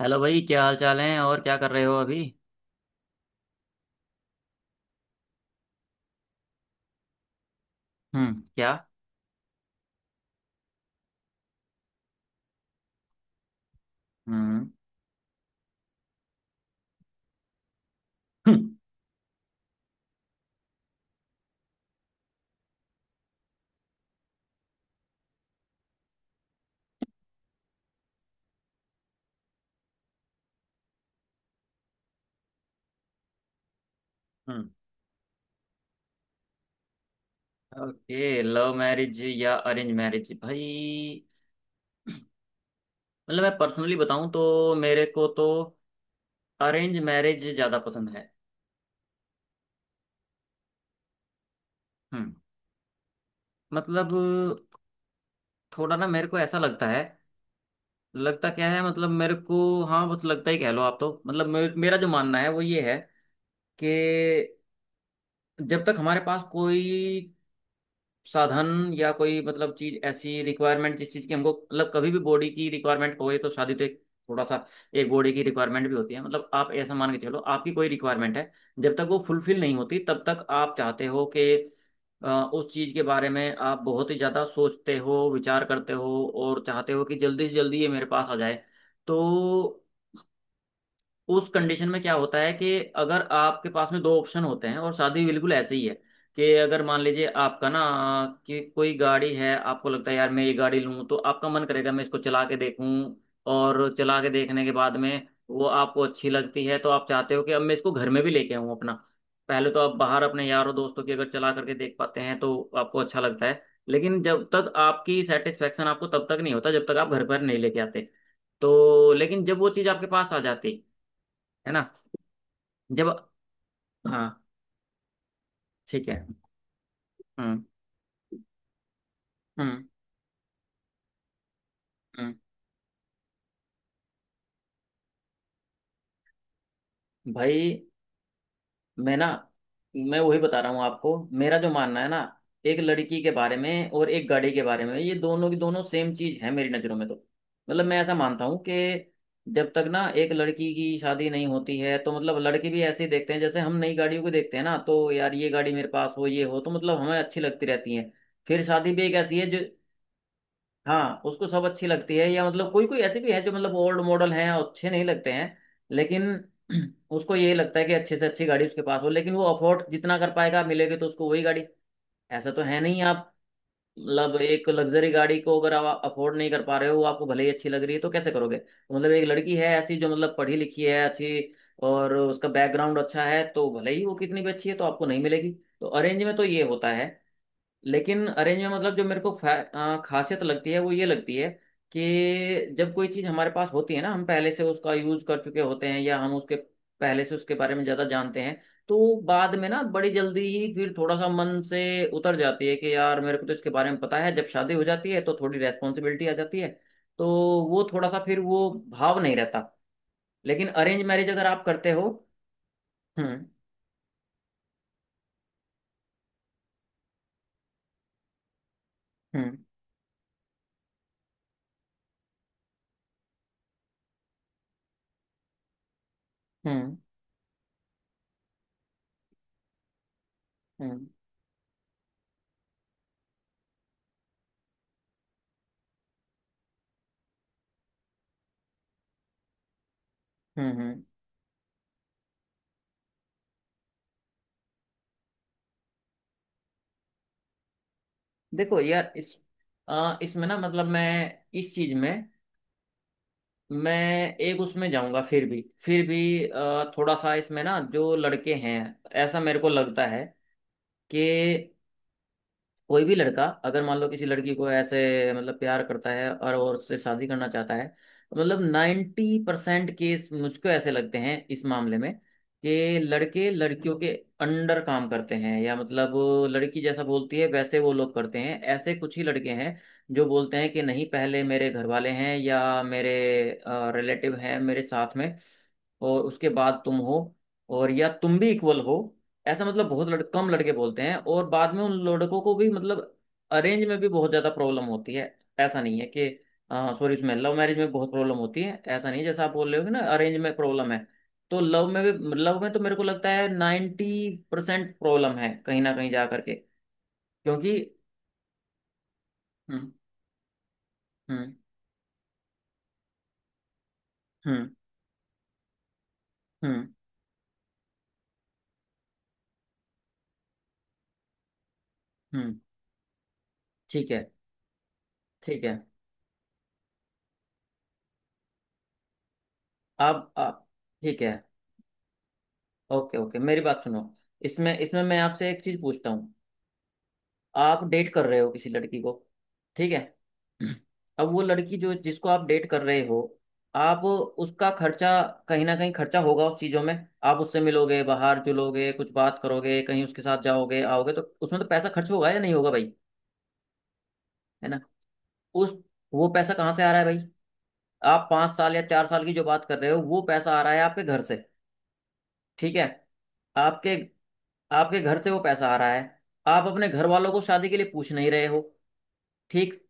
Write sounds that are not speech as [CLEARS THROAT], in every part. Hello भाई क्या हाल चाल है? और क्या कर रहे हो अभी? हम्म। क्या? हम्म। हम्म। ओके, लव मैरिज या अरेंज मैरिज भाई? मतलब मैं पर्सनली बताऊं तो मेरे को तो अरेंज मैरिज ज़्यादा पसंद है। हम्म। मतलब थोड़ा ना मेरे को ऐसा लगता है। लगता क्या है मतलब मेरे को, हाँ बस लगता ही कह लो आप तो। मतलब मेरा जो मानना है वो ये है कि जब तक हमारे पास कोई साधन या कोई मतलब चीज ऐसी रिक्वायरमेंट, जिस चीज की हमको मतलब कभी भी बॉडी की रिक्वायरमेंट होए, तो शादी तो एक थोड़ा सा एक बॉडी की रिक्वायरमेंट भी होती है। मतलब आप ऐसा मान के चलो आपकी कोई रिक्वायरमेंट है। जब तक वो फुलफिल नहीं होती तब तक आप चाहते हो कि अ, उस चीज के बारे में आप बहुत ही ज्यादा सोचते हो, विचार करते हो, और चाहते हो कि जल्दी से जल्दी ये मेरे पास आ जाए। तो उस कंडीशन में क्या होता है कि अगर आपके पास में दो ऑप्शन होते हैं, और शादी भी बिल्कुल ऐसे ही है कि अगर मान लीजिए आपका ना कि कोई गाड़ी है, आपको लगता है यार मैं ये गाड़ी लूं, तो आपका मन करेगा मैं इसको चला के देखूं। और चला के देखने के बाद में वो आपको अच्छी लगती है तो आप चाहते हो कि अब मैं इसको घर में भी लेके आऊं अपना। पहले तो आप बाहर अपने यारों दोस्तों की अगर चला करके देख पाते हैं तो आपको अच्छा लगता है। लेकिन जब तक आपकी सेटिस्फेक्शन, आपको तब तक नहीं होता जब तक आप घर पर नहीं लेके आते। तो लेकिन जब वो चीज़ आपके पास आ जाती है ना, जब, हाँ। ठीक है। हम्म। हम्म। हम्म। भाई मैं ना, मैं वही बता रहा हूँ आपको, मेरा जो मानना है ना। एक लड़की के बारे में और एक गाड़ी के बारे में, ये दोनों की दोनों सेम चीज है मेरी नज़रों में। तो मतलब मैं ऐसा मानता हूँ कि जब तक ना एक लड़की की शादी नहीं होती है, तो मतलब लड़के भी ऐसे ही देखते हैं जैसे हम नई गाड़ियों को देखते हैं ना, तो यार ये गाड़ी मेरे पास हो, ये हो, तो मतलब हमें अच्छी लगती रहती है। फिर शादी भी एक ऐसी है जो, हाँ उसको सब अच्छी लगती है, या मतलब कोई कोई ऐसे भी है जो मतलब ओल्ड मॉडल हैं और अच्छे नहीं लगते हैं। लेकिन [CLEARS THROAT] उसको यही लगता है कि अच्छे से अच्छी गाड़ी उसके पास हो, लेकिन वो अफोर्ड जितना कर पाएगा मिलेगी तो उसको वही गाड़ी। ऐसा तो है नहीं आप। मतलब एक लग्जरी गाड़ी को अगर आप अफोर्ड नहीं कर पा रहे हो, वो आपको भले ही अच्छी लग रही है, तो कैसे करोगे। तो मतलब एक लड़की है ऐसी जो मतलब पढ़ी लिखी है, अच्छी, और उसका बैकग्राउंड अच्छा है, तो भले ही वो कितनी भी अच्छी है तो आपको नहीं मिलेगी। तो अरेंज में तो ये होता है। लेकिन अरेंज में मतलब जो मेरे को खासियत लगती है वो ये लगती है कि जब कोई चीज़ हमारे पास होती है ना, हम पहले से उसका यूज़ कर चुके होते हैं, या हम उसके पहले से उसके बारे में ज़्यादा जानते हैं, तो बाद में ना बड़ी जल्दी ही फिर थोड़ा सा मन से उतर जाती है कि यार मेरे को तो इसके बारे में पता है। जब शादी हो जाती है तो थोड़ी रेस्पॉन्सिबिलिटी आ जाती है, तो वो थोड़ा सा फिर वो भाव नहीं रहता। लेकिन अरेंज मैरिज अगर आप करते हो। हम्म। हम्म। हम्म। हम्म। हम्म। हम्म। देखो यार इस, इसमें ना मतलब मैं इस चीज में, मैं एक उसमें जाऊंगा। फिर भी थोड़ा सा इसमें ना जो लड़के हैं, ऐसा मेरे को लगता है कि कोई भी लड़का अगर मान लो किसी लड़की को ऐसे मतलब प्यार करता है और वो उससे शादी करना चाहता है, मतलब 90% केस मुझको ऐसे लगते हैं इस मामले में कि लड़के लड़कियों के अंडर काम करते हैं, या मतलब लड़की जैसा बोलती है वैसे वो लोग करते हैं। ऐसे कुछ ही लड़के हैं जो बोलते हैं कि नहीं, पहले मेरे घर वाले हैं या मेरे रिलेटिव हैं मेरे साथ में, और उसके बाद तुम हो, और या तुम भी इक्वल हो। ऐसा मतलब बहुत कम लड़के बोलते हैं। और बाद में उन लड़कों को भी मतलब अरेंज में भी बहुत ज्यादा प्रॉब्लम होती है। ऐसा नहीं है कि, सॉरी, इसमें लव मैरिज में बहुत प्रॉब्लम होती है, ऐसा नहीं है जैसा आप बोल रहे हो कि ना अरेंज में प्रॉब्लम है। तो लव में भी, लव में तो मेरे को लगता है 90% प्रॉब्लम है कहीं ना कहीं जा करके, क्योंकि। हम्म। हम्म। हम्म। हम्म। हम्म। ठीक है। ठीक है। आप, आप। ठीक है। ओके ओके, मेरी बात सुनो। इसमें इसमें मैं आपसे एक चीज पूछता हूँ। आप डेट कर रहे हो किसी लड़की को? ठीक है। अब वो लड़की जो, जिसको आप डेट कर रहे हो, आप उसका खर्चा, कहीं ना कहीं खर्चा होगा उस चीज़ों में। आप उससे मिलोगे, बाहर जुलोगे, कुछ बात करोगे, कहीं उसके साथ जाओगे आओगे, तो उसमें तो पैसा खर्च होगा या नहीं होगा भाई? है ना? उस, वो पैसा कहाँ से आ रहा है भाई? आप 5 साल या 4 साल की जो बात कर रहे हो, वो पैसा आ रहा है आपके घर से। ठीक है। आपके आपके घर से वो पैसा आ रहा है। आप अपने घर वालों को शादी के लिए पूछ नहीं रहे हो। ठीक।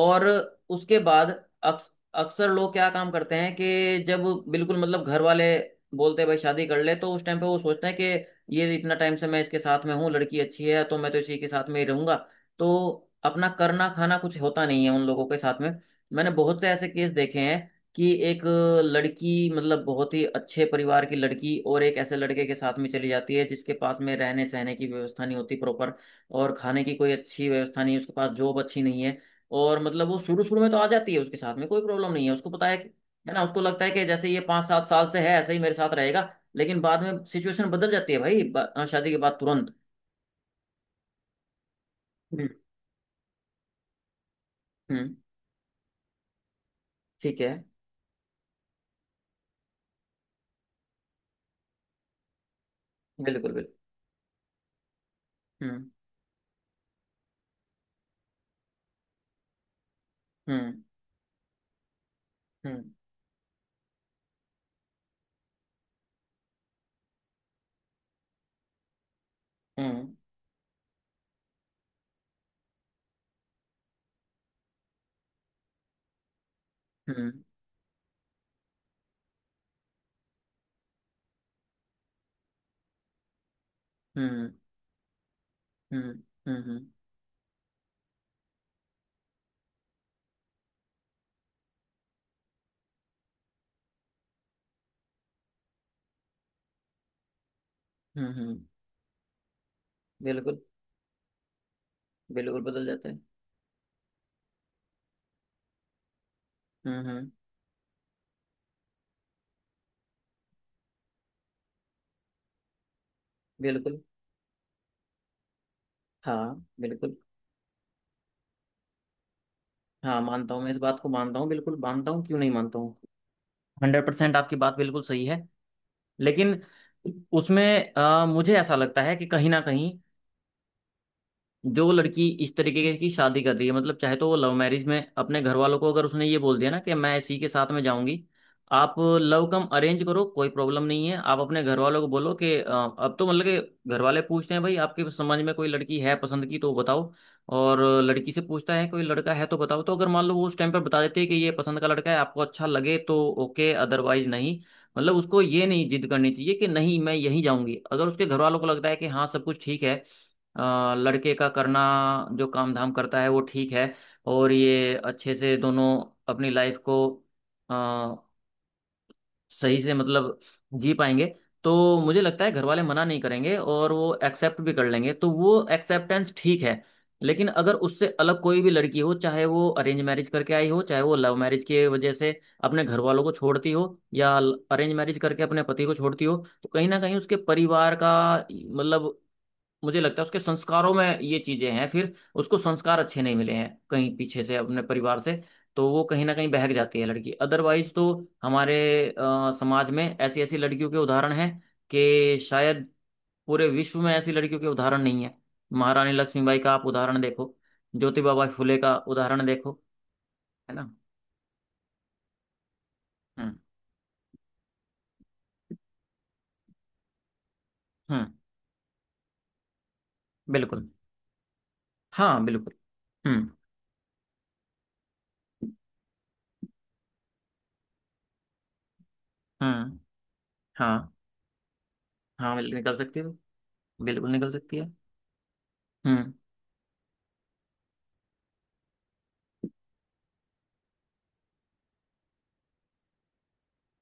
और उसके बाद अक्सर लोग क्या काम करते हैं कि जब, बिल्कुल, मतलब घर वाले बोलते हैं भाई शादी कर ले, तो उस टाइम पे वो सोचते हैं कि ये इतना टाइम से मैं इसके साथ में हूँ, लड़की अच्छी है, तो मैं तो इसी के साथ में ही रहूंगा। तो अपना करना खाना कुछ होता नहीं है उन लोगों के साथ में। मैंने बहुत से ऐसे केस देखे हैं कि एक लड़की, मतलब बहुत ही अच्छे परिवार की लड़की, और एक ऐसे लड़के के साथ में चली जाती है जिसके पास में रहने सहने की व्यवस्था नहीं होती प्रॉपर, और खाने की कोई अच्छी व्यवस्था नहीं है, उसके पास जॉब अच्छी नहीं है। और मतलब वो शुरू शुरू में तो आ जाती है उसके साथ में, कोई प्रॉब्लम नहीं है, उसको पता है कि, है ना, उसको लगता है कि जैसे ये 5-7 साल से है ऐसे ही मेरे साथ रहेगा। लेकिन बाद में सिचुएशन बदल जाती है भाई, शादी के बाद तुरंत। हम्म। हम्म। ठीक है। बिल्कुल बिल्कुल। हम्म। हम्म। हम्म। हम्म। हम्म। हम्म। हम्म। हम्म। हम्म। हम्म। हम्म। बिल्कुल, बिल्कुल बदल जाते हैं। हम्म। हम्म। बिल्कुल। हाँ बिल्कुल। हाँ, मानता हूँ मैं इस बात को, मानता हूँ, बिल्कुल मानता हूँ, क्यों नहीं मानता हूँ। 100% आपकी बात बिल्कुल सही है। लेकिन उसमें मुझे ऐसा लगता है कि कहीं ना कहीं जो लड़की इस तरीके की शादी कर रही है, मतलब चाहे तो वो लव मैरिज में अपने घर वालों को अगर उसने ये बोल दिया ना कि मैं इसी के साथ में जाऊंगी। आप लव कम अरेंज करो, कोई प्रॉब्लम नहीं है, आप अपने घर वालों को बोलो कि अब तो मतलब कि घर वाले पूछते हैं भाई आपके समझ में कोई लड़की है पसंद की तो बताओ, और लड़की से पूछता है कोई लड़का है तो बताओ। तो अगर मान लो वो उस टाइम पर बता देते हैं कि ये पसंद का लड़का है, आपको अच्छा लगे तो ओके, अदरवाइज नहीं। मतलब उसको ये नहीं जिद करनी चाहिए कि नहीं मैं यहीं जाऊंगी। अगर उसके घर वालों को लगता है कि हाँ सब कुछ ठीक है, लड़के का करना जो काम धाम करता है वो ठीक है, और ये अच्छे से दोनों अपनी लाइफ को अ, सही से मतलब जी पाएंगे, तो मुझे लगता है घर वाले मना नहीं करेंगे और वो एक्सेप्ट भी कर लेंगे, तो वो एक्सेप्टेंस ठीक है। लेकिन अगर उससे अलग कोई भी लड़की हो, चाहे वो अरेंज मैरिज करके आई हो, चाहे वो लव मैरिज की वजह से अपने घर वालों को छोड़ती हो, या अरेंज मैरिज करके अपने पति को छोड़ती हो, तो कहीं ना कहीं उसके परिवार का मतलब, मुझे लगता है उसके संस्कारों में ये चीजें हैं, फिर उसको संस्कार अच्छे नहीं मिले हैं कहीं पीछे से अपने परिवार से, तो वो कहीं ना कहीं बहक जाती है लड़की। अदरवाइज तो हमारे समाज में ऐसी ऐसी लड़कियों के उदाहरण हैं कि शायद पूरे विश्व में ऐसी लड़कियों के उदाहरण नहीं है। महारानी लक्ष्मीबाई का आप उदाहरण देखो, ज्योतिबा बाई फुले का उदाहरण देखो। है ना? हम्म। हम्म। बिल्कुल। हाँ बिल्कुल। हम्म। हम्म। हाँ। हाँ बिल्कुल निकल सकती है, बिल्कुल निकल सकती है। हम्म।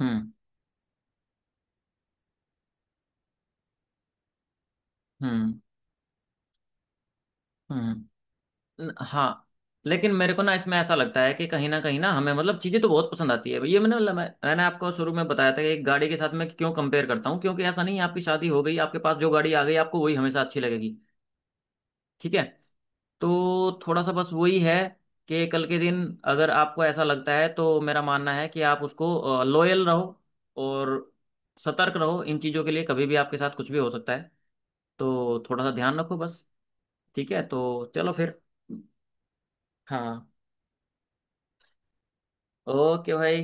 हम्म। हम्म। हम्म। हाँ, लेकिन मेरे को ना इसमें ऐसा लगता है कि कहीं ना कहीं ना, हमें मतलब चीजें तो बहुत पसंद आती है, ये मैंने मतलब मैंने आपको शुरू में बताया था कि एक गाड़ी के साथ मैं क्यों कंपेयर करता हूँ, क्योंकि ऐसा नहीं है आपकी शादी हो गई, आपके पास जो गाड़ी आ गई, आपको वही हमेशा अच्छी लगेगी। ठीक है। तो थोड़ा सा बस वही है कि कल के दिन अगर आपको ऐसा लगता है, तो मेरा मानना है कि आप उसको लॉयल रहो और सतर्क रहो इन चीजों के लिए, कभी भी आपके साथ कुछ भी हो सकता है, तो थोड़ा सा ध्यान रखो बस। ठीक है, तो चलो फिर। हाँ। ओके भाई।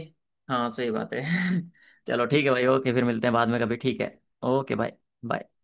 हाँ, सही बात है। [LAUGHS] चलो ठीक है भाई, ओके, फिर मिलते हैं बाद में कभी, ठीक है। ओके भाई। बाय।